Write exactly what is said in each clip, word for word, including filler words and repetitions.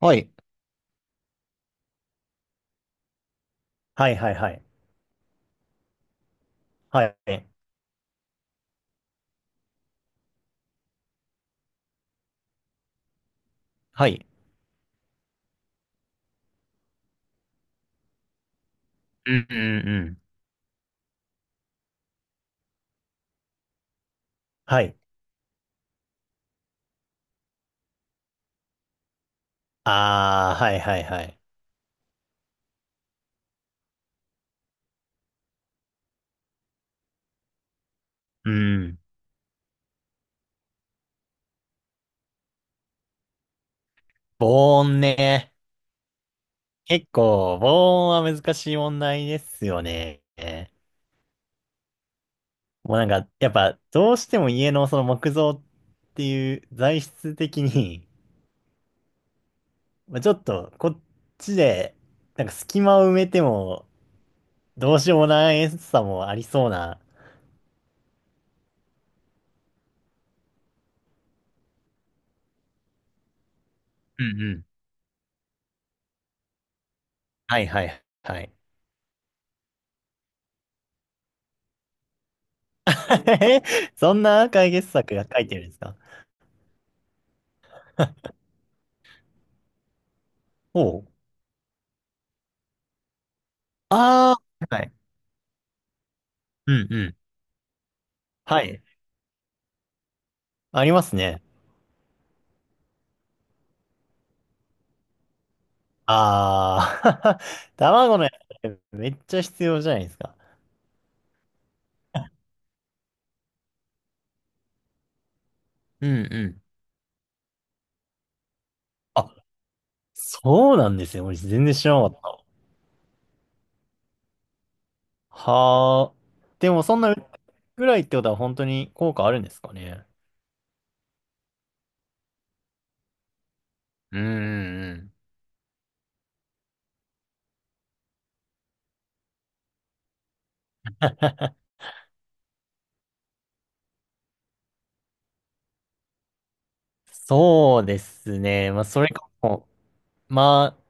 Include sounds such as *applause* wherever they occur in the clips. はい。はいはいはい。はい。はい。うんうんうん、はい。あー、はいはいはい。うん。うん。防音ね。結構、防音は難しい問題ですよね。もうなんか、やっぱ、どうしても家のその木造っていう材質的に、*laughs* まあちょっと、こっちで、なんか隙間を埋めても、どうしようもないさもありそうな。うんうん。はいはいはい。*laughs* え、そんな解決策が書いてるんですか？ *laughs* おう。ああ、はい。うんうん。はい。ありますね。ああ、*laughs* 卵のやつめっちゃ必要じゃないですか。うんうん。あ、そうなんですよ。俺全然知らなかった。はあ。でもそんなぐらいってことは本当に効果あるんですかね？うんうんうん。*laughs* そうですね。まあ、それかも。まあ、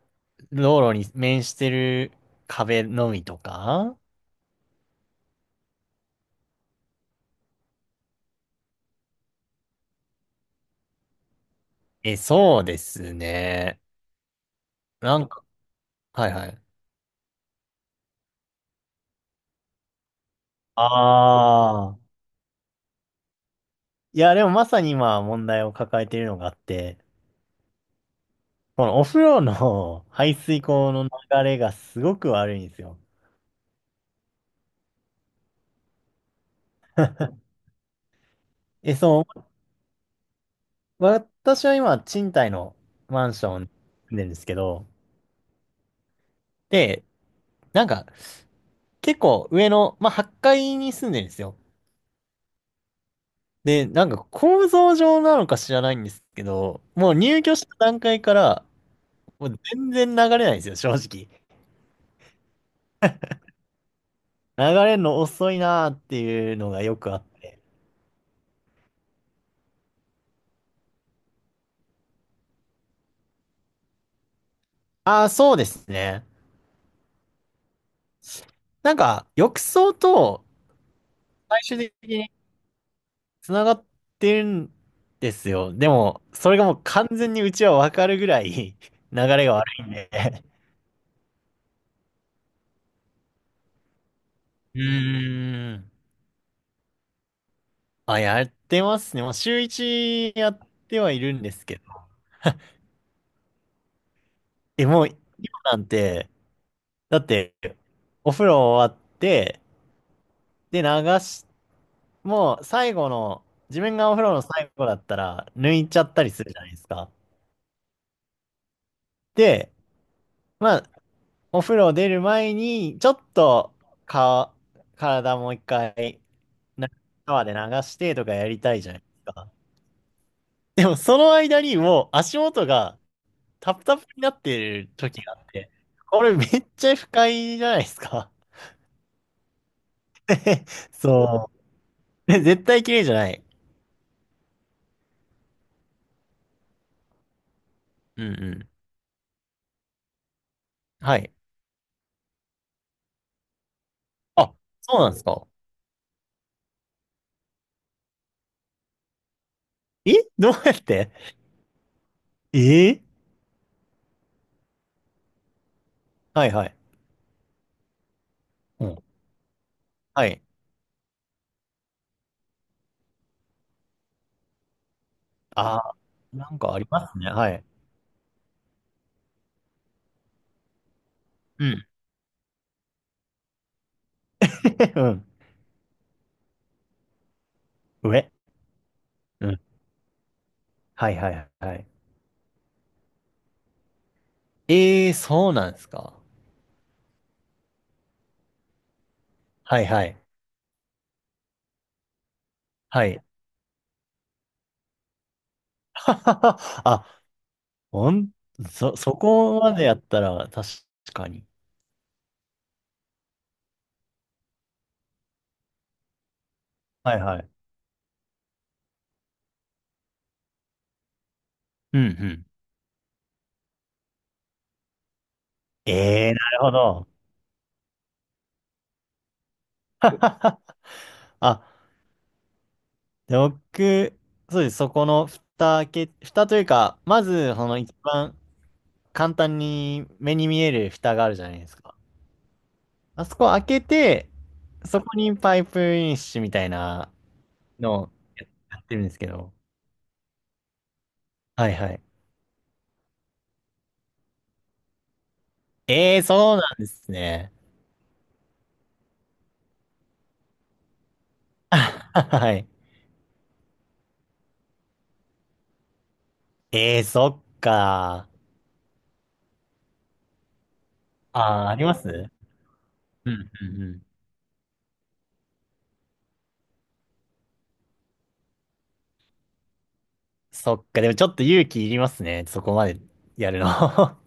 道路に面してる壁のみとか。え、そうですね。なんか、はいはい。ああ。いや、でもまさに今問題を抱えているのがあって、このお風呂の *laughs* 排水口の流れがすごく悪いんですよ。え、そう、私は今賃貸のマンションに住んでるんですけど、で、なんか結構上の、まあはちかいに住んでるんですよ。で、なんか構造上なのか知らないんですけど、もう入居した段階から、もう全然流れないんですよ、正直。流れるの遅いなーっていうのがよくあって。ああ、そうですね。なんか、浴槽と最終的に繋がってるんですよ。でも、それがもう完全にうちはわかるぐらい *laughs* 流れが悪いんで。うーん。あ、やってますね。もう週一やってはいるんですけど。え、もう、今なんて、だって、お風呂終わって、で、流し、もう最後の、自分がお風呂の最後だったら、抜いちゃったりするじゃないですか。で、まあ、お風呂出る前に、ちょっと、か、体もう一回、な、川で流してとかやりたいじゃないですか。でも、その間にもう足元がタプタプになってる時があって、これめっちゃ不快じゃないですか。*laughs* そう。で絶対綺麗じゃない。うんうん。はい。あ、そうなんですか。え、どうやって？ええ、はいはい。うん。はい。ああ、なんかありますね。はい。うん。*laughs* うん。上。うん。はいはいはい。ええ、そうなんですか。はいはい。はい。*laughs* あ、ほん、そ、そこまでやったら確かに。はいはい。うんうん。ええ、なるほど。*laughs* あ、で、僕、そうです。そこの蓋開け、蓋というか、まず、その一番簡単に目に見える蓋があるじゃないですか。あそこ開けて、そこにパイプインシュみたいなのをやってるんですけど。はいはい。ええー、そうなんですね。*laughs* はい。ええー、そっか。ああ、ありますうんうんうん。そっか。でもちょっと勇気いりますね。そこまでやるの。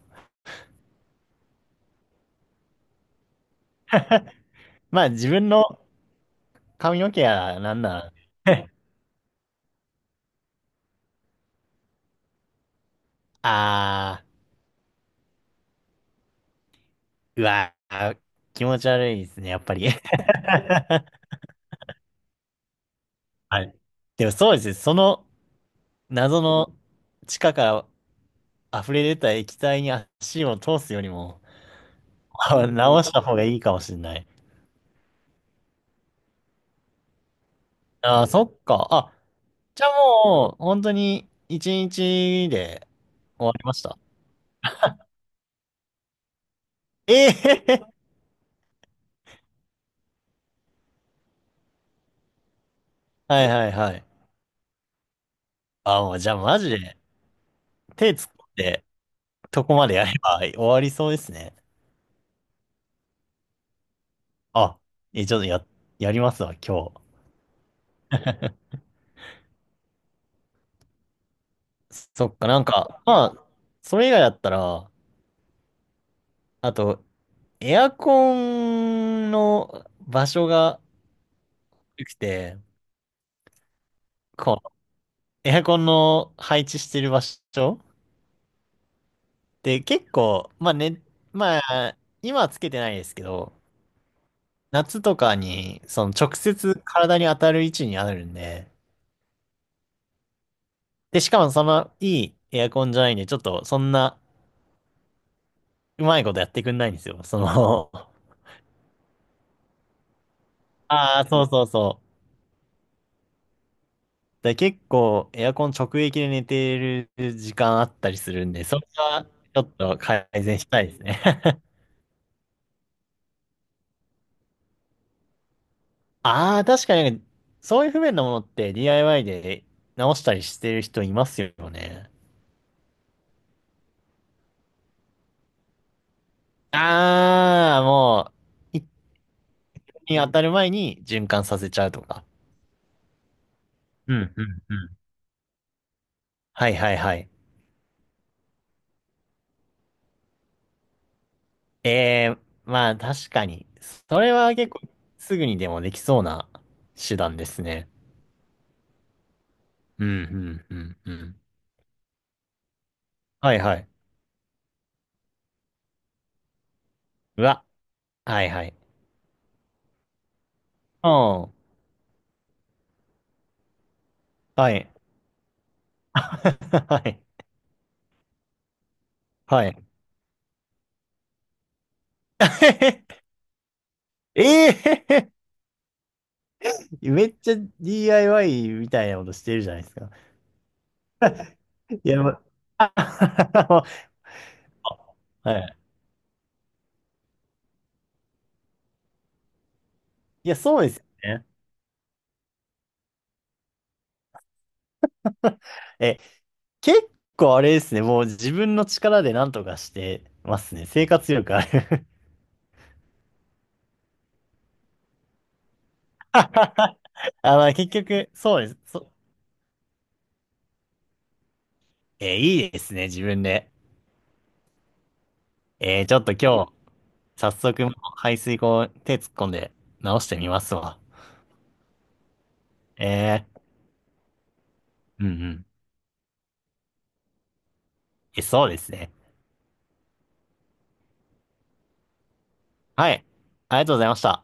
*laughs* まあ自分の髪の毛やなんなら。*laughs* ああ、うわー、気持ち悪いですね、やっぱり。*laughs* はい。でもそうですね。その謎の地下から溢れ出た液体に足を通すよりも、*laughs* あ、直した方がいいかもしれない。ああ、そっか。あ、じゃあもう、本当に一日で終わりました？ええ。 *laughs* はいはいはい。あ、もうじゃあマジで手突っ込んで、とこまでやれば終わりそうですね。あ、え、ちょっとや、やりますわ、今日。*laughs* そっか、なんか、まあ、それ以外だったら、あと、エアコンの場所が良くて、こう、エアコンの配置してる場所で結構、まあね、まあ、今はつけてないですけど、夏とかに、その直接体に当たる位置にあるんで、で、しかもそのいいエアコンじゃないんで、ちょっとそんなうまいことやってくんないんですよ。その、*laughs* ああ、そうそうそう。で、結構エアコン直撃で寝てる時間あったりするんで、それはちょっと改善したいですね。*laughs* ああ、確かに、そういう不便なものって ディーアイワイ で直したりしてる人いますよね。ああ、もう、一気に当たる前に循環させちゃうとか。うんうんうん、はいはいはい。ええ、まあ確かに、それは結構すぐにでもできそうな手段ですね。うんうんうんうん。はいはい。うわ。はいはい。うん。はい。*laughs* はい。はい。*laughs* ええ、めっちゃ ディーアイワイ みたいなことしてるじゃないですか。いや、まあ、*laughs* はい。いや、そうですよね。*laughs* え、結構あれですね。もう自分の力で何とかしてますね。生活力ある。 *laughs* あ、まあ、結局、そうです。そ、え、いいですね。自分で。えー、ちょっと今日、早速、排水口手突っ込んで直してみますわ。ええ、うんうん。え、そうですね。はい。ありがとうございました。